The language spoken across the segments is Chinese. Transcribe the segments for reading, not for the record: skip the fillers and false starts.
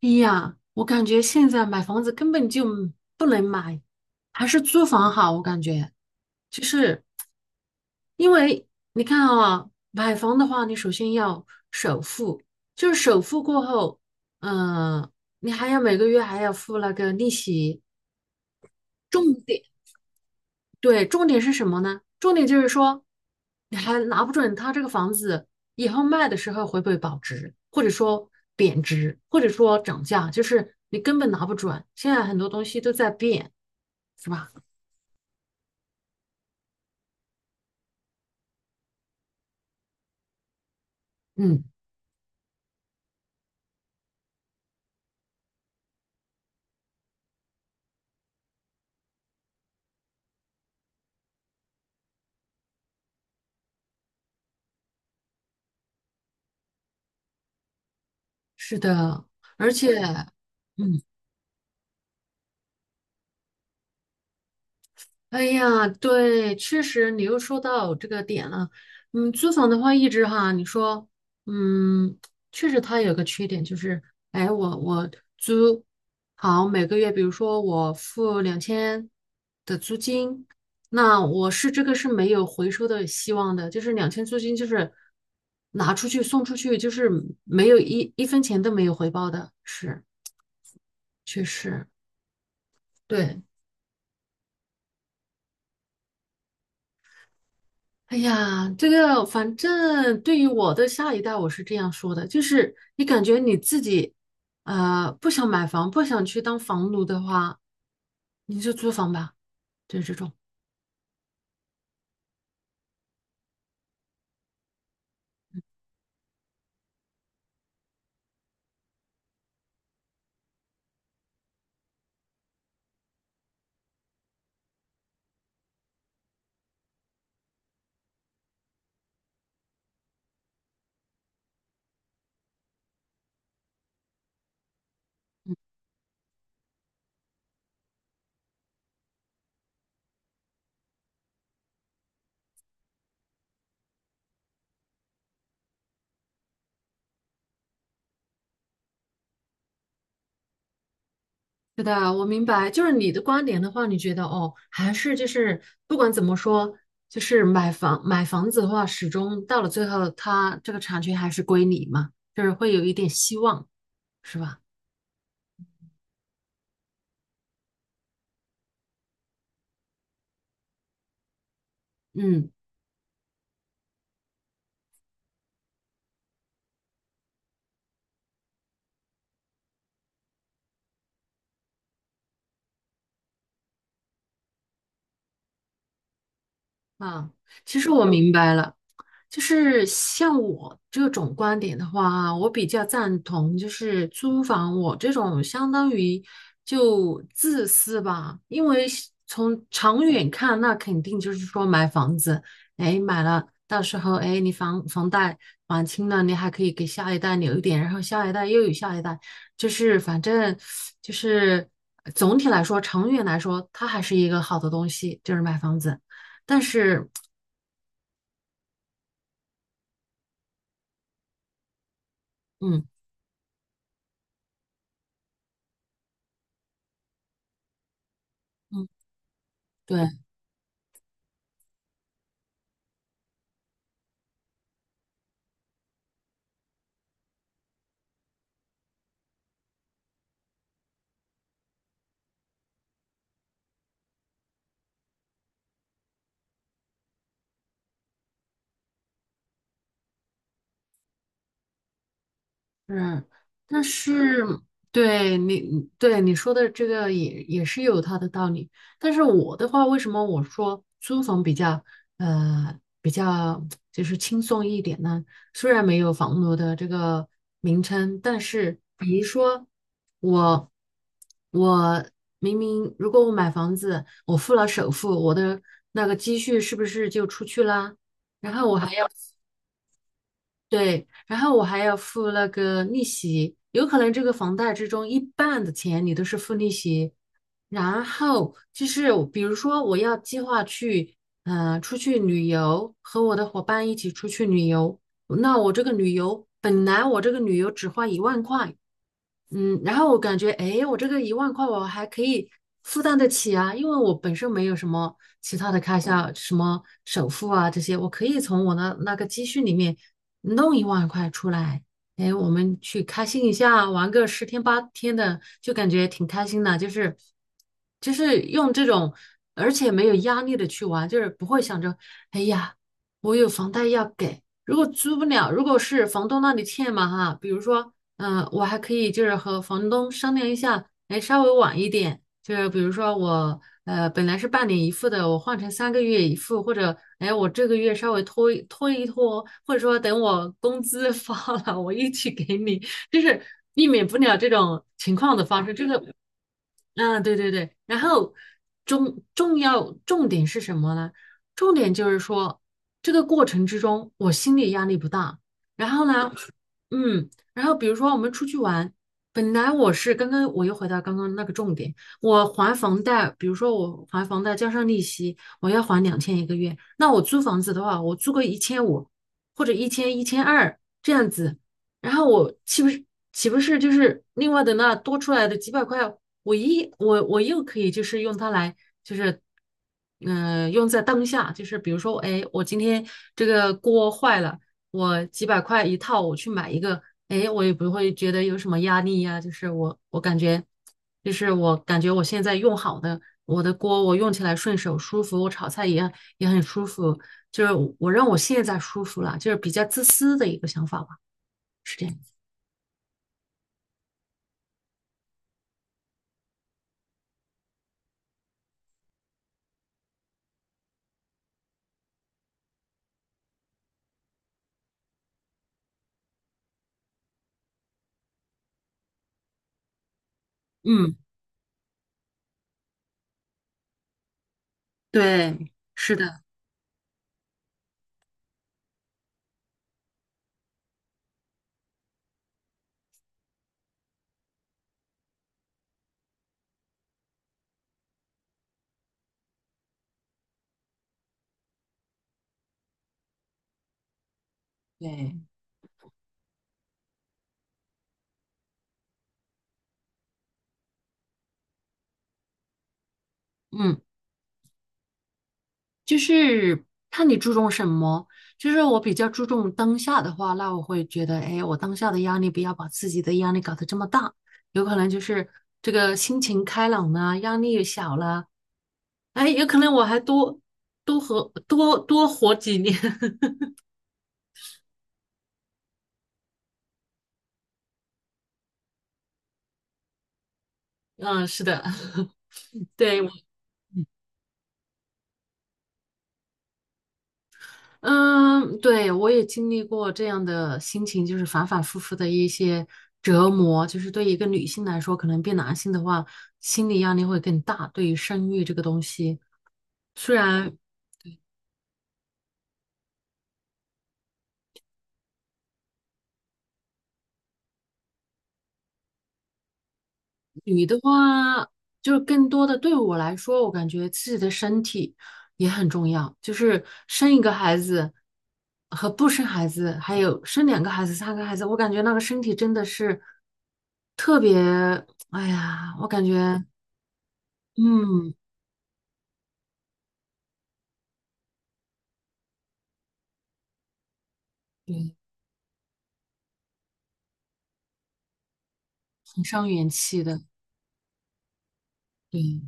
哎呀，我感觉现在买房子根本就不能买，还是租房好。我感觉就是因为你看啊，买房的话，你首先要首付，就是首付过后，嗯、你还要每个月还要付那个利息。重点。对，重点是什么呢？重点就是说，你还拿不准它这个房子以后卖的时候会不会保值，或者说贬值，或者说涨价，就是你根本拿不准。现在很多东西都在变，是吧？嗯，是的。而且，嗯，哎呀，对，确实你又说到这个点了。嗯，租房的话，一直哈，你说，嗯，确实它有个缺点就是，哎，我租好每个月，比如说我付两千的租金，那我是这个是没有回收的希望的，就是两千租金就是拿出去送出去，就是没有一分钱都没有回报的，是，确实，对。哎呀，这个反正对于我的下一代，我是这样说的，就是你感觉你自己，不想买房，不想去当房奴的话，你就租房吧，就是这种。是的，我明白，就是你的观点的话，你觉得哦，还是就是不管怎么说，就是买房子的话，始终到了最后，它这个产权还是归你嘛，就是会有一点希望，是吧？嗯啊，其实我明白了。就是像我这种观点的话，我比较赞同，就是租房我这种相当于就自私吧，因为是从长远看，那肯定就是说买房子，哎，买了，到时候哎，你房贷还清了，你还可以给下一代留一点，然后下一代又有下一代，就是反正就是总体来说，长远来说，它还是一个好的东西，就是买房子，但是嗯嗯，对。嗯，但是对你说的这个也是有它的道理。但是我的话，为什么我说租房比较就是轻松一点呢？虽然没有房奴的这个名称，但是比如说我我明明如果我买房子，我付了首付，我的那个积蓄是不是就出去啦？然后我还要对，然后我还要付那个利息，有可能这个房贷之中一半的钱你都是付利息，然后就是我比如说我要计划去，出去旅游，和我的伙伴一起出去旅游，那我这个旅游本来我这个旅游只花一万块，嗯，然后我感觉，哎，我这个一万块我还可以负担得起啊，因为我本身没有什么其他的开销，什么首付啊这些，我可以从我的那个积蓄里面弄一万块出来，哎，我们去开心一下，玩个十天八天的，就感觉挺开心的，就是用这种，而且没有压力的去玩，就是不会想着，哎呀，我有房贷要给，如果租不了，如果是房东那里欠嘛哈，比如说，我还可以就是和房东商量一下，哎，稍微晚一点，就是比如说我本来是半年一付的，我换成3个月一付，或者哎我这个月稍微拖一拖，或者说等我工资 发了，我一起给你，就是避免不了这种情况的发生。这个，嗯、对对对，然后重点是什么呢？重点就是说。这个过程之中，我心理压力不大。然后呢，嗯，然后比如说我们出去玩，本来我是刚刚我又回到刚刚那个重点，我还房贷，比如说我还房贷加上利息，我要还两千一个月。那我租房子的话，我租个1500或者一千二这样子，然后我岂不是就是另外的那多出来的几百块，我一我我又可以就是用它来，就是用在当下，就是比如说，哎，我今天这个锅坏了，我几百块一套，我去买一个，哎，我也不会觉得有什么压力呀、就是我感觉，就是我感觉我现在用好的我的锅，我用起来顺手舒服，我炒菜也很舒服，就是我让我现在舒服了，就是比较自私的一个想法吧，是这样。嗯，对，是的，对。嗯。就是看你注重什么。就是我比较注重当下的话，那我会觉得，哎，我当下的压力不要把自己的压力搞得这么大，有可能就是这个心情开朗啦，压力也小了，哎，有可能我还多多活几年。嗯，是的。对，对，我也经历过这样的心情，就是反反复复的一些折磨。就是对一个女性来说，可能比男性的话，心理压力会更大。对于生育这个东西，虽然女的话，就是更多的对我来说，我感觉自己的身体也很重要。就是生一个孩子和不生孩子，还有生2个孩子、3个孩子，我感觉那个身体真的是特别，哎呀，我感觉嗯，很伤元气的。对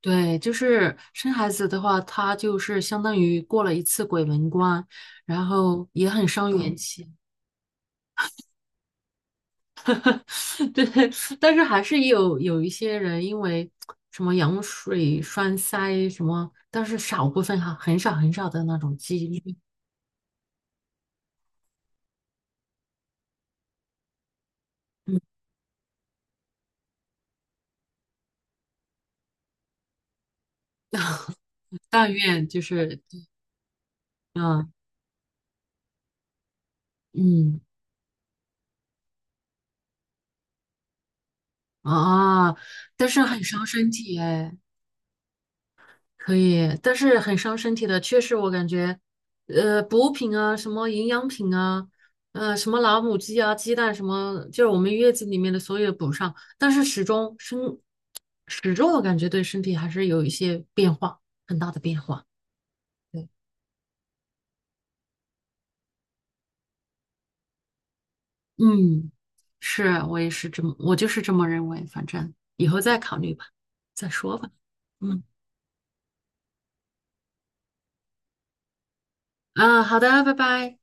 对，就是生孩子的话，他就是相当于过了一次鬼门关，然后也很伤元气。对，但是还是有一些人因为什么羊水栓塞什么，但是少部分哈，很少很少的那种几率。嗯，但愿就是，啊，嗯啊，但是很伤身体哎，可以，但是很伤身体的，确实我感觉，补品啊，什么营养品啊，什么老母鸡啊，鸡蛋什么，就是我们月子里面的所有补上，但是始终我感觉对身体还是有一些变化，很大的变化。对，嗯，是啊，我也是这么，我就是这么认为。反正以后再考虑吧，再说吧。嗯，啊，好的，拜拜。